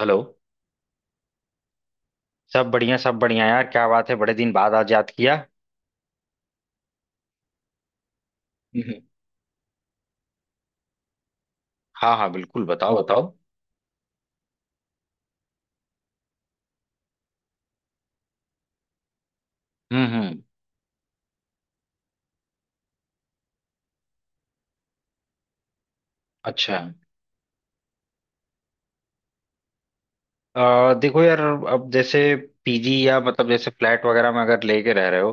Hello. सब बढ़िया यार, क्या बात है, बड़े दिन बाद आज याद किया। हम्म। हाँ हाँ, बिल्कुल बताओ बताओ। हम्म। अच्छा। देखो यार, अब जैसे पीजी या मतलब जैसे फ्लैट वगैरह में अगर लेके रह रहे हो,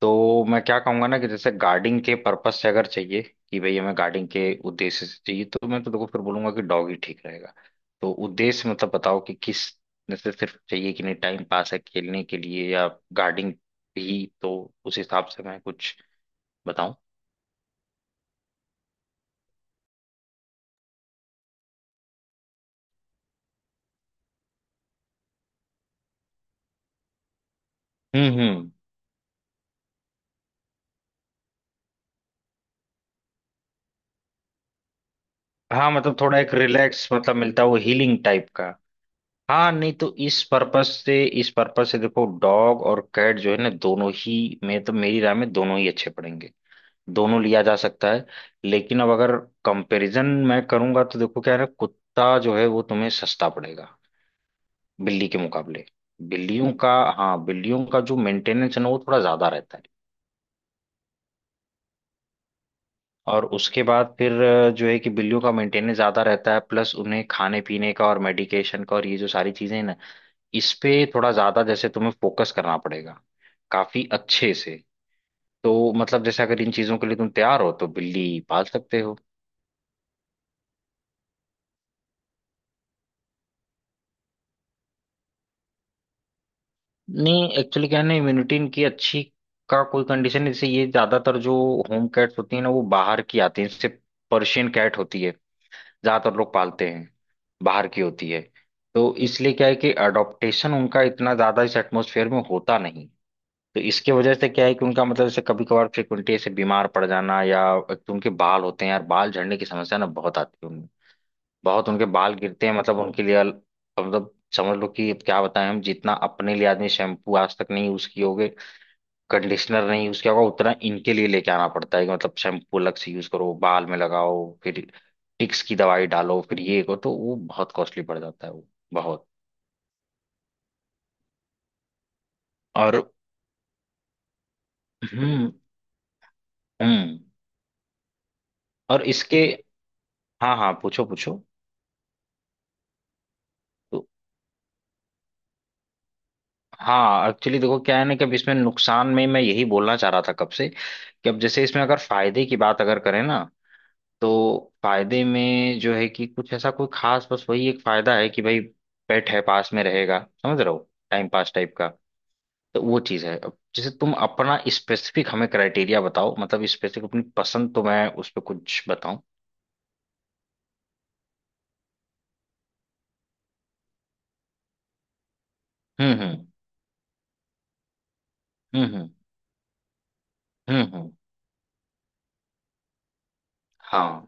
तो मैं क्या कहूंगा ना, कि जैसे गार्डिंग के पर्पस से अगर चाहिए कि भाई हमें गार्डिंग के उद्देश्य से चाहिए, तो मैं तो देखो फिर बोलूंगा कि डॉग ही ठीक रहेगा। तो उद्देश्य मतलब बताओ कि किस, जैसे सिर्फ चाहिए कि नहीं टाइम पास है खेलने के लिए, या गार्डिंग भी, तो उस हिसाब से मैं कुछ बताऊं। हम्म। हाँ, मतलब थोड़ा एक रिलैक्स मतलब मिलता है वो, हीलिंग टाइप का। हाँ, नहीं तो इस पर्पस से, इस पर्पस से देखो डॉग और कैट जो है ना, दोनों ही में तो मेरी राय में दोनों ही अच्छे पड़ेंगे। दोनों लिया जा सकता है। लेकिन अब अगर कंपैरिजन मैं करूंगा तो देखो क्या है ना, कुत्ता जो है वो तुम्हें सस्ता पड़ेगा बिल्ली के मुकाबले। बिल्लियों का, हाँ, बिल्लियों का जो मेंटेनेंस है ना वो थोड़ा ज्यादा रहता है। और उसके बाद फिर जो है कि बिल्लियों का मेंटेनेंस ज्यादा रहता है, प्लस उन्हें खाने पीने का और मेडिकेशन का और ये जो सारी चीजें हैं ना, इस पे थोड़ा ज्यादा जैसे तुम्हें फोकस करना पड़ेगा, काफी अच्छे से। तो मतलब जैसे अगर इन चीजों के लिए तुम तैयार हो तो बिल्ली पाल सकते हो। नहीं, एक्चुअली क्या है ना, इम्यूनिटी इनकी अच्छी का कोई कंडीशन नहीं, जैसे ये ज्यादातर जो होम कैट्स होती है ना वो बाहर की आती है, जैसे पर्शियन कैट होती है, ज्यादातर लोग पालते हैं, बाहर की होती है। तो इसलिए क्या है कि अडॉप्टेशन उनका इतना ज्यादा इस एटमोसफेयर में होता नहीं। तो इसके वजह से क्या है कि उनका मतलब जैसे कभी कभार फ्रिक्वेंटली ऐसे बीमार पड़ जाना, या एक तो उनके बाल होते हैं यार, बाल झड़ने की समस्या ना बहुत आती है उनमें, बहुत उनके बाल गिरते हैं, मतलब उनके लिए मतलब समझ लो कि अब क्या बताएं, हम जितना अपने लिए आदमी शैम्पू आज तक नहीं यूज किए होगे, कंडीशनर नहीं यूज किया होगा, उतना इनके लिए लेके आना पड़ता है कि मतलब शैम्पू अलग से यूज करो, बाल में लगाओ, फिर टिक्स की दवाई डालो, फिर ये करो, तो वो बहुत कॉस्टली पड़ जाता है वो, बहुत। और हम्म हम्म। और इसके, हाँ हाँ, पूछो पूछो। तो हाँ, एक्चुअली देखो क्या है ना कि अब इसमें नुकसान में मैं यही बोलना चाह रहा था कब से, कि अब जैसे इसमें अगर फायदे की बात अगर करें ना, तो फायदे में जो है कि कुछ ऐसा कोई खास, बस वही एक फायदा है कि भाई पेट है पास में रहेगा, समझ रहे हो, टाइम पास टाइप का। तो वो चीज है। अब जैसे तुम अपना स्पेसिफिक हमें क्राइटेरिया बताओ, मतलब स्पेसिफिक अपनी पसंद, तो मैं उस पर कुछ बताऊं। हम्म। हम्म। हम्म। हाँ।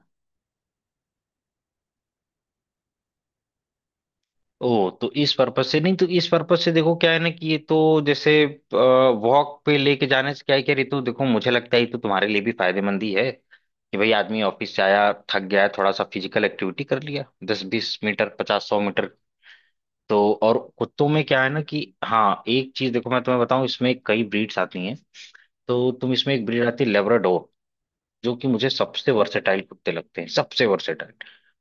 ओ तो इस पर्पज से, नहीं तो इस पर्पज से देखो क्या है ना कि ये तो, जैसे वॉक पे लेके जाने से क्या है, क्या रितु देखो मुझे लगता है ये तो तुम्हारे लिए भी फायदेमंद ही है कि भाई आदमी ऑफिस से आया थक गया है, थोड़ा सा फिजिकल एक्टिविटी कर लिया, 10 20 मीटर, 50 100 मीटर। तो और कुत्तों में क्या है ना कि, हाँ एक चीज देखो मैं तुम्हें बताऊं, इसमें कई ब्रीड्स आती हैं। तो तुम इसमें एक ब्रीड आती है लेब्राडोर, जो कि मुझे सबसे वर्सेटाइल कुत्ते लगते हैं, सबसे वर्सेटाइल।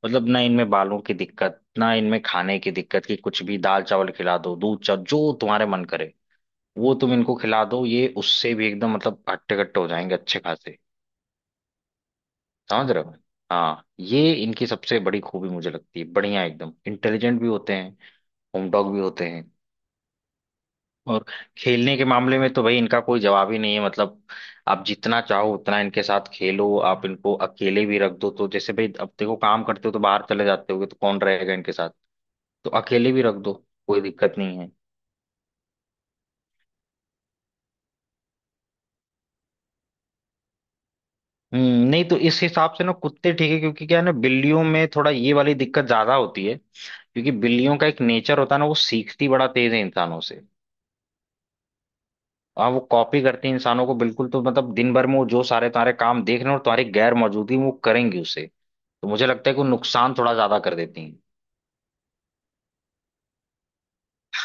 मतलब ना इनमें बालों की दिक्कत, ना इनमें खाने की दिक्कत, कि कुछ भी दाल चावल खिला दो, दूध चावल जो तुम्हारे मन करे वो तुम इनको खिला दो, ये उससे भी एकदम मतलब हट्टे कट्टे हो जाएंगे, अच्छे खासे, समझ रहे हो। हाँ, ये इनकी सबसे बड़ी खूबी मुझे लगती है, बढ़िया, एकदम इंटेलिजेंट भी होते हैं, होम डॉग भी होते हैं। और खेलने के मामले में तो भाई इनका कोई जवाब ही नहीं है, मतलब आप जितना चाहो उतना इनके साथ खेलो, आप इनको अकेले भी रख दो, तो जैसे भाई अब देखो, काम करते हो तो बाहर चले जाते होगे तो कौन रहेगा इनके साथ, तो अकेले भी रख दो, कोई दिक्कत नहीं है। हम्म, नहीं तो इस हिसाब से ना कुत्ते ठीक है, क्योंकि क्या है ना बिल्लियों में थोड़ा ये वाली दिक्कत ज्यादा होती है, क्योंकि बिल्लियों का एक नेचर होता है ना, वो सीखती बड़ा तेज है इंसानों से। हाँ, वो कॉपी करती हैं इंसानों को बिल्कुल, तो मतलब दिन भर में वो जो सारे तुम्हारे काम देख रहे हैं, और तुम्हारी गैर मौजूदगी में वो करेंगी उसे। तो मुझे लगता है कि वो नुकसान थोड़ा ज्यादा कर देती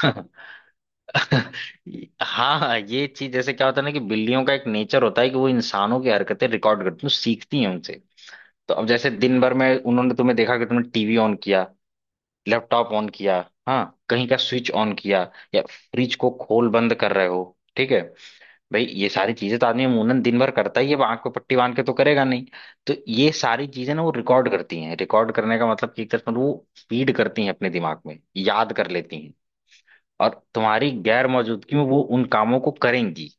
हैं। हाँ हाँ, ये चीज जैसे क्या होता है ना कि बिल्लियों का एक नेचर होता है कि वो इंसानों की हरकतें रिकॉर्ड करती हैं, वो सीखती हैं उनसे। तो अब जैसे दिन भर में उन्होंने तुम्हें देखा कि तुमने टीवी ऑन किया, लैपटॉप ऑन किया, हाँ, कहीं का स्विच ऑन किया, या फ्रिज को खोल बंद कर रहे हो, ठीक है भाई ये सारी चीजें तो आदमी अमूमन दिन भर करता ही है, अब आंख पे पट्टी बांध के तो करेगा नहीं। तो ये सारी चीजें ना वो रिकॉर्ड करती हैं, रिकॉर्ड करने का मतलब कि एक तरह से वो फीड करती हैं अपने दिमाग में, याद कर लेती हैं, और तुम्हारी गैर मौजूदगी में वो उन कामों को करेंगी।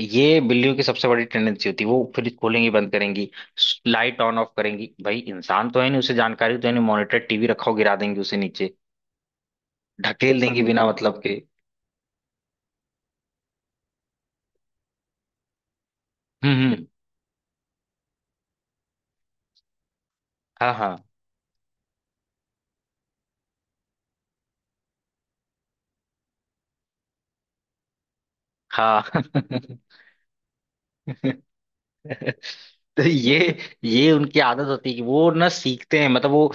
ये बिल्लियों की सबसे बड़ी टेंडेंसी होती है, वो फ्रिज खोलेंगी बंद करेंगी, लाइट ऑन ऑफ करेंगी, भाई इंसान तो है नहीं उसे जानकारी तो है नहीं, मॉनिटर टीवी रखा हो गिरा देंगी उसे नीचे, ढकेल देंगी बिना मतलब के। हम्म। हाँ हाँ हाँ। तो ये उनकी आदत होती है कि वो ना सीखते हैं, मतलब वो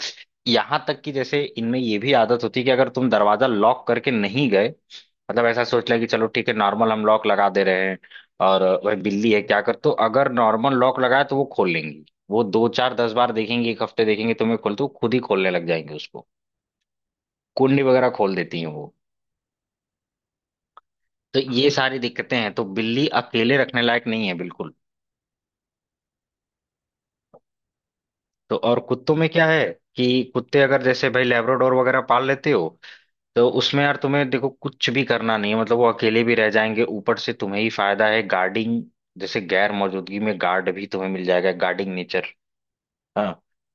यहाँ तक कि जैसे इनमें ये भी आदत होती है कि अगर तुम दरवाजा लॉक करके नहीं गए, मतलब ऐसा सोच लिया कि चलो ठीक है नॉर्मल हम लॉक लगा दे रहे हैं, और वह बिल्ली है क्या कर, तो अगर नॉर्मल लॉक लगाए तो वो खोल लेंगी। वो 2 4 10 बार देखेंगे, एक हफ्ते देखेंगे तुम्हें खोल तो वो खुद ही खोलने लग जाएंगे उसको, कुंडी वगैरह खोल देती हैं वो। तो ये सारी दिक्कतें हैं, तो बिल्ली अकेले रखने लायक नहीं है बिल्कुल। तो और कुत्तों में क्या है कि कुत्ते अगर जैसे भाई लैब्राडोर वगैरह पाल लेते हो, तो उसमें यार तुम्हें देखो कुछ भी करना नहीं है, मतलब वो अकेले भी रह जाएंगे, ऊपर से तुम्हें ही फायदा है गार्डिंग, जैसे गैर मौजूदगी में गार्ड भी तुम्हें मिल जाएगा, गार्डिंग नेचर, हाँ,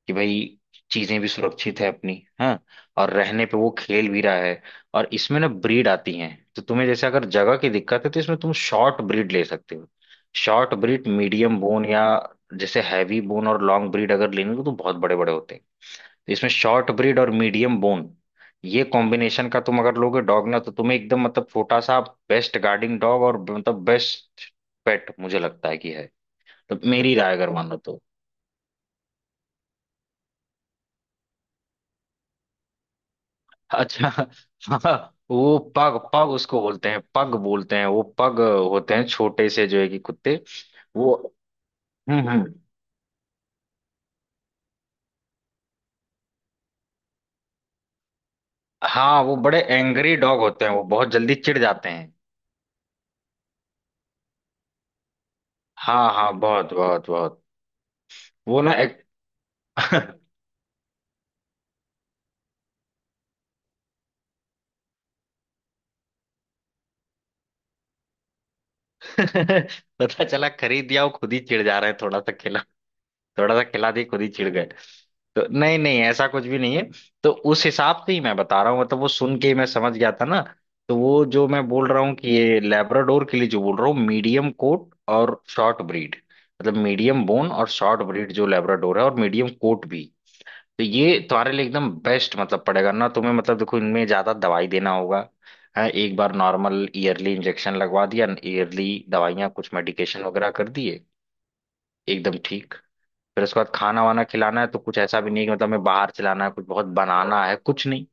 कि भाई चीजें भी सुरक्षित है अपनी, हाँ, और रहने पे वो खेल भी रहा है। और इसमें ना ब्रीड आती हैं, तो तुम्हें जैसे अगर जगह की दिक्कत है तो इसमें तुम शॉर्ट ब्रीड ले सकते हो, शॉर्ट ब्रीड मीडियम बोन, या जैसे हैवी बोन और लॉन्ग ब्रीड अगर लेनी हो तो बहुत बड़े बड़े होते हैं। तो इसमें शॉर्ट ब्रीड और मीडियम बोन, ये कॉम्बिनेशन का तुम अगर लोगे डॉग ना, तो तुम्हें एकदम मतलब छोटा सा बेस्ट गार्डिंग डॉग, और मतलब बेस्ट पेट मुझे लगता है कि है। तो मेरी राय अगर मानो तो, अच्छा, हाँ, वो पग, पग उसको बोलते हैं, पग बोलते हैं वो, पग होते हैं छोटे से जो है कि कुत्ते वो। हम्म। हाँ वो बड़े एंग्री डॉग होते हैं, वो बहुत जल्दी चिढ़ जाते हैं। हाँ हाँ, बहुत बहुत बहुत। वो ना एक, पता चला खरीद दिया वो खुद ही चिढ़ जा रहे हैं थोड़ा सा, थोड़ा सा खिला दी खुद ही चिढ़ गए। तो नहीं नहीं, ऐसा कुछ भी नहीं है। तो उस हिसाब से ही मैं बता रहा हूँ, मतलब वो सुन के ही मैं समझ गया था ना। तो वो जो मैं बोल रहा हूँ कि ये लैब्राडोर के लिए जो बोल रहा हूँ, मीडियम कोट और शॉर्ट ब्रीड, मतलब मीडियम बोन और शॉर्ट ब्रीड जो लैब्राडोर है, और मीडियम कोट भी। तो ये तुम्हारे लिए एकदम बेस्ट मतलब पड़ेगा ना तुम्हें, मतलब देखो इनमें ज्यादा दवाई देना होगा, हाँ, एक बार नॉर्मल ईयरली इंजेक्शन लगवा दिया, ईयरली दवाइयाँ कुछ मेडिकेशन वगैरह कर दिए, एकदम ठीक। फिर उसके बाद खाना वाना खिलाना है तो कुछ ऐसा भी नहीं कि मतलब हमें बाहर से लाना है, कुछ बहुत बनाना है कुछ नहीं।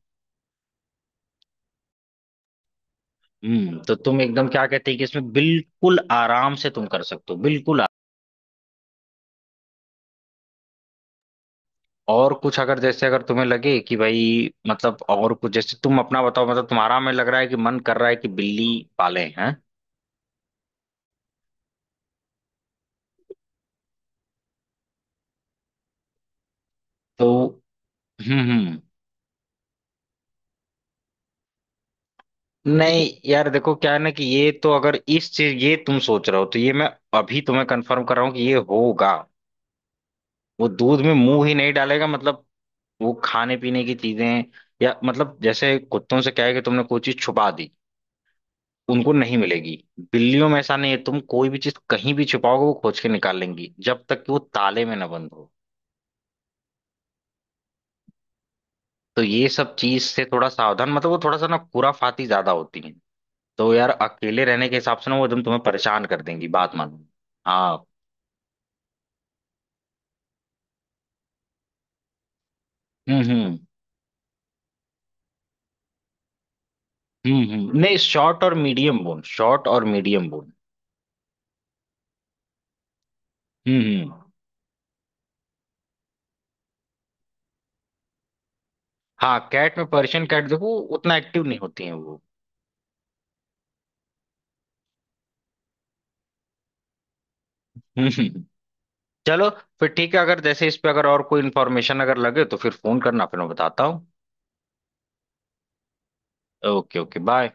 हम्म, तो तुम एकदम क्या कहते हैं कि इसमें बिल्कुल आराम से तुम कर सकते हो, बिल्कुल और कुछ अगर जैसे अगर तुम्हें लगे कि भाई मतलब, और कुछ जैसे तुम अपना बताओ, मतलब तुम्हारा में लग रहा है कि मन कर रहा है कि बिल्ली पाले हैं। तो हम्म। नहीं यार देखो क्या है ना कि ये तो अगर इस चीज ये तुम सोच रहे हो, तो ये मैं अभी तुम्हें कंफर्म कर रहा हूँ कि ये होगा, वो दूध में मुंह ही नहीं डालेगा, मतलब वो खाने पीने की चीजें, या मतलब जैसे कुत्तों से क्या है कि तुमने कोई चीज छुपा दी उनको नहीं मिलेगी, बिल्लियों में ऐसा नहीं है, तुम कोई भी चीज कहीं भी छुपाओगे वो खोज के निकाल लेंगी, जब तक कि वो ताले में ना बंद हो। तो ये सब चीज से थोड़ा सावधान, मतलब वो थोड़ा सा ना खुराफाती ज्यादा होती है। तो यार अकेले रहने के हिसाब से ना वो एकदम तुम्हें परेशान कर देंगी, बात मानो। हाँ। हम्म। हम्म। नहीं, शॉर्ट और मीडियम बोन, शॉर्ट और मीडियम बोन। हम्म हम्म। हाँ कैट में पर्शियन कैट, देखो उतना एक्टिव नहीं होती है वो। चलो, फिर ठीक है, अगर जैसे इस पे अगर और कोई इन्फॉर्मेशन अगर लगे तो फिर फोन करना, फिर मैं बताता हूँ। Okay okay bye.